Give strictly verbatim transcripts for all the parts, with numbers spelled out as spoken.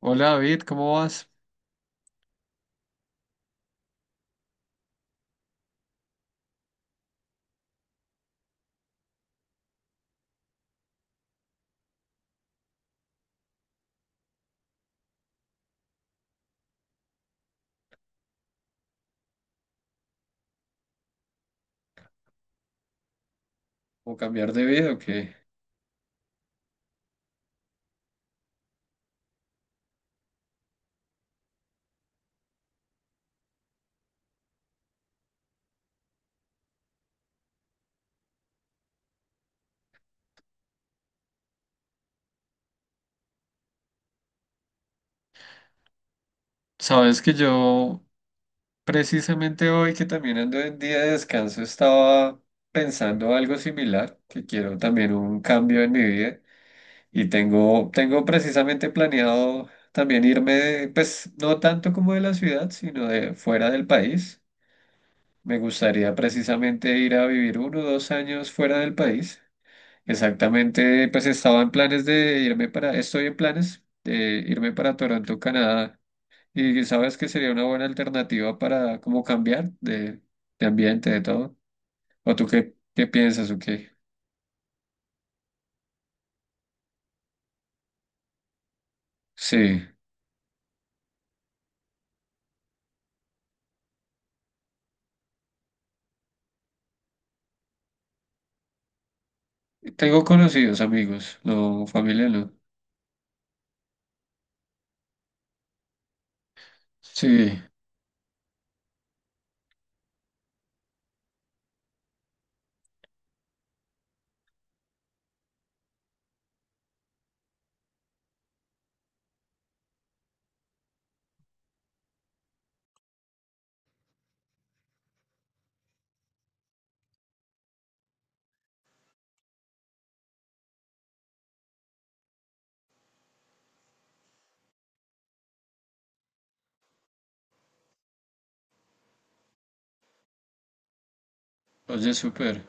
Hola David, ¿cómo vas? ¿O cambiar de vida o qué? Sabes que yo precisamente hoy que también ando en día de descanso estaba pensando algo similar, que quiero también un cambio en mi vida y tengo, tengo precisamente planeado también irme, de- pues no tanto como de la ciudad, sino de fuera del país. Me gustaría precisamente ir a vivir uno o dos años fuera del país. Exactamente, pues estaba en planes de irme para, estoy en planes de irme para Toronto, Canadá, y sabes que sería una buena alternativa para como cambiar de, de ambiente, de todo. ¿O tú qué, qué piensas o qué? Sí, tengo conocidos amigos, no, familia no. Sí, oye, súper,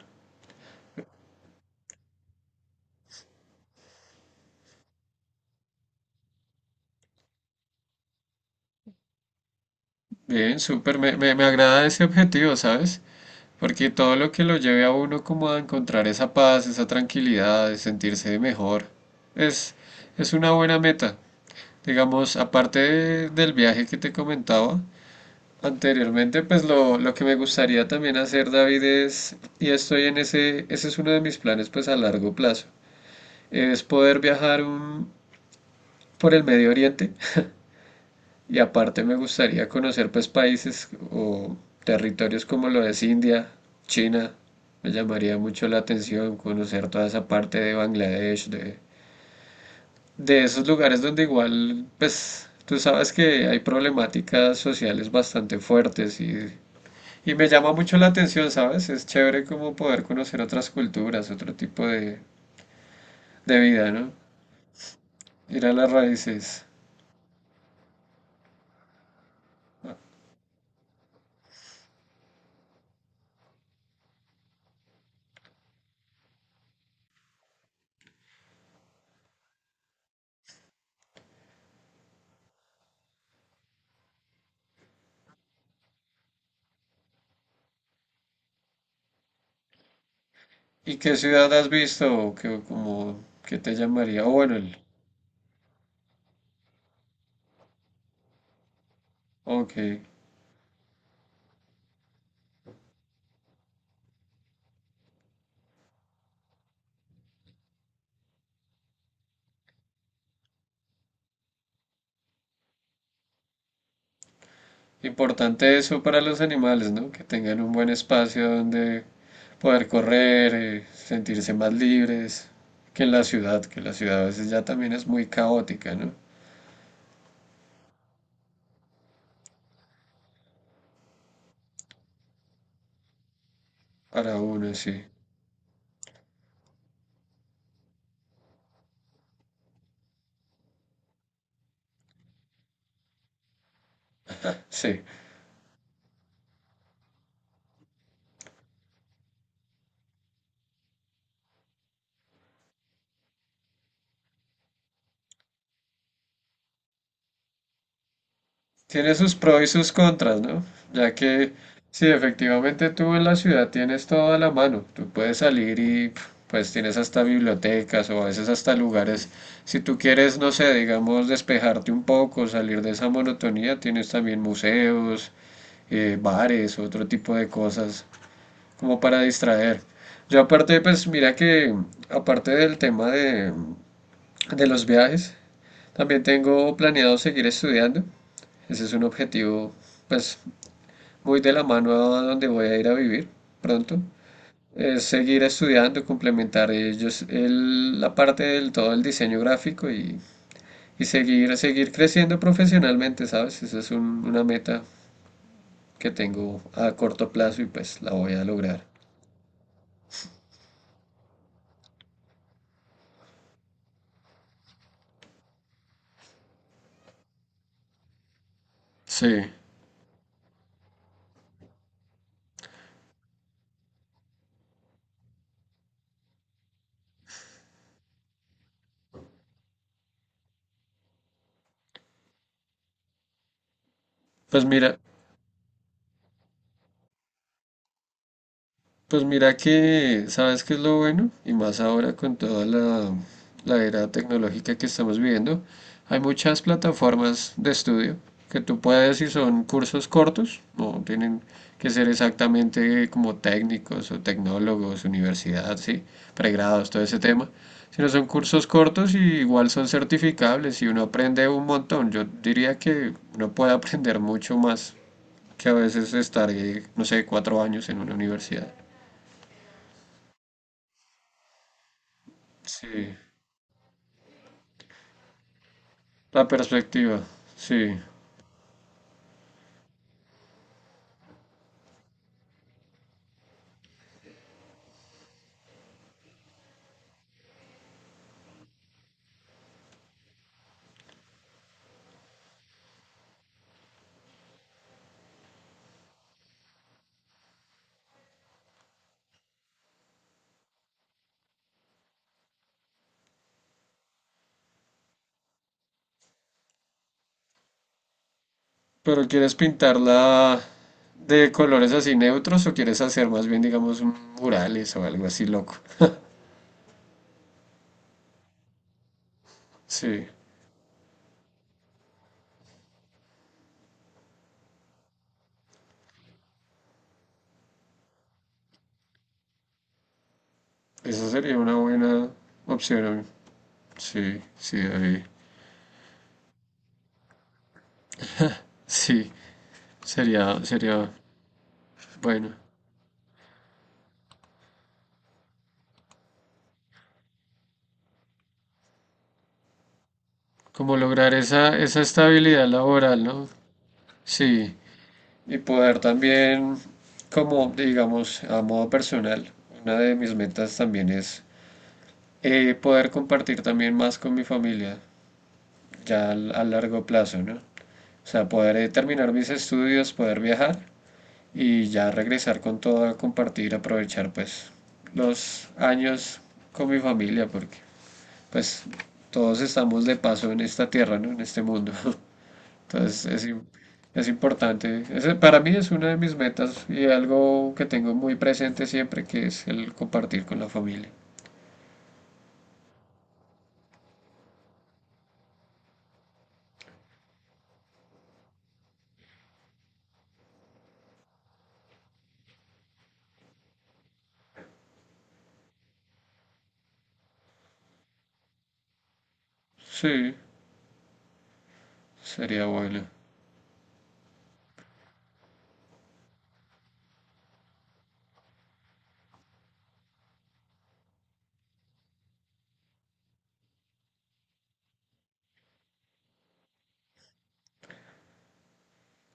bien, súper, me, me, me agrada ese objetivo, ¿sabes? Porque todo lo que lo lleve a uno como a encontrar esa paz, esa tranquilidad, de sentirse mejor, es, es una buena meta. Digamos, aparte de- del viaje que te comentaba anteriormente, pues lo, lo que me gustaría también hacer, David, es, y estoy en ese, ese es uno de mis planes, pues a largo plazo, es poder viajar un- por el Medio Oriente y aparte me gustaría conocer pues países o territorios como lo es India, China. Me llamaría mucho la atención conocer toda esa parte de Bangladesh, de de esos lugares donde igual, pues, tú sabes que hay problemáticas sociales bastante fuertes y, y me llama mucho la atención, ¿sabes? Es chévere como poder conocer otras culturas, otro tipo de, de vida, ¿no? Ir a las raíces. ¿Y qué ciudad has visto o qué, como, qué te llamaría? O bueno, el, ok. Importante eso para los animales, ¿no? Que tengan un buen espacio donde poder correr, eh, sentirse más libres que en la ciudad, que la ciudad a veces ya también es muy caótica, ¿no? Para uno, sí. Sí. Tiene sus pros y sus contras, ¿no? Ya que si efectivamente tú en la ciudad tienes todo a la mano, tú puedes salir y pf, pues tienes hasta bibliotecas o a veces hasta lugares, si tú quieres, no sé, digamos, despejarte un poco, salir de esa monotonía, tienes también museos, eh, bares, otro tipo de cosas como para distraer. Yo aparte, pues mira que aparte del tema de, de los viajes, también tengo planeado seguir estudiando. Ese es un objetivo, pues, muy de la mano a donde voy a ir a vivir pronto. Es seguir estudiando, complementar ellos el- la parte del todo el diseño gráfico y, y seguir, seguir creciendo profesionalmente, ¿sabes? Esa es un- una meta que tengo a corto plazo y pues la voy a lograr. Sí, pues mira, pues mira que, ¿sabes qué es lo bueno? Y más ahora con toda la, la era tecnológica que estamos viviendo, hay muchas plataformas de estudio que tú puedes, si son cursos cortos, no tienen que ser exactamente como técnicos o tecnólogos, universidad, sí, pregrados, todo ese tema, sino son cursos cortos y igual son certificables y uno aprende un montón. Yo diría que uno puede aprender mucho más que a veces estar, eh, no sé, cuatro años en una universidad. Sí, la perspectiva, sí. ¿Pero quieres pintarla de colores así neutros o quieres hacer más bien, digamos, un murales o algo así loco? Sí, esa sería una buena opción. A mí. Sí, sí, David. Sí, sería, sería bueno. Como lograr esa, esa estabilidad laboral, ¿no? Sí. Y poder también, como digamos, a modo personal, una de mis metas también es eh, poder compartir también más con mi familia, ya al- a largo plazo, ¿no? O sea, poder eh, terminar mis estudios, poder viajar y ya regresar con todo a compartir, aprovechar pues los años con mi familia, porque pues todos estamos de paso en esta tierra, ¿no? En este mundo. Entonces es, im- es importante. Ese para mí es una de mis metas y algo que tengo muy presente siempre, que es el compartir con la familia. Sí, sería bueno.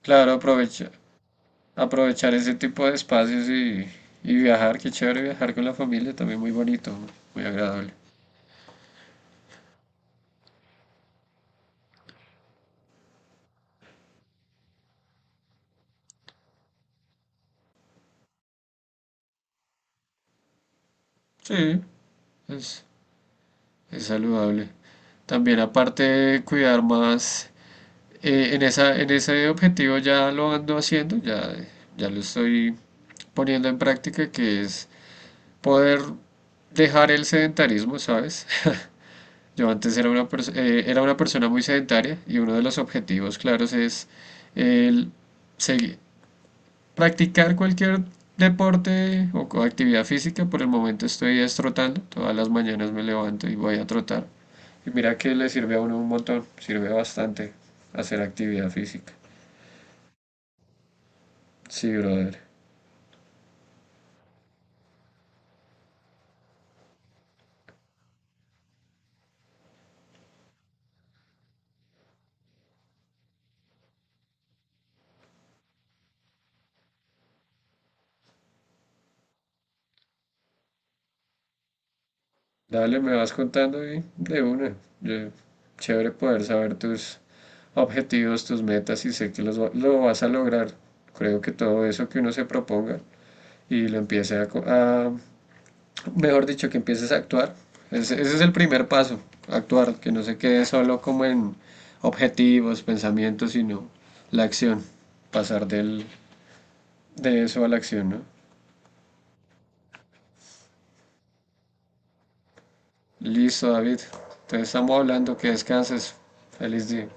Claro, aprovecha- aprovechar ese tipo de espacios y, y viajar, qué chévere viajar con la familia, también muy bonito, muy agradable. Sí, es, es saludable. También aparte de cuidar más, eh, en esa, en ese objetivo ya lo ando haciendo, ya, ya lo estoy poniendo en práctica, que es poder dejar el sedentarismo, ¿sabes? Yo antes era una, perso- eh, era una persona muy sedentaria y uno de los objetivos claros es el segui- practicar cualquier deporte o actividad física. Por el momento estoy es trotando, todas las mañanas me levanto y voy a trotar. Y mira que le sirve a uno un montón, sirve bastante hacer actividad física. Sí, brother. Dale, me vas contando y de una. Yo- Chévere poder saber tus objetivos, tus metas y sé que los, va- lo vas a lograr. Creo que todo eso que uno se proponga y lo empiece a, co- a mejor dicho, que empieces a actuar. Ese, ese es el primer paso, actuar, que no se quede solo como en objetivos, pensamientos, sino la acción, pasar del, de eso a la acción, ¿no? Listo, David. Entonces estamos hablando, que descanses. Feliz día.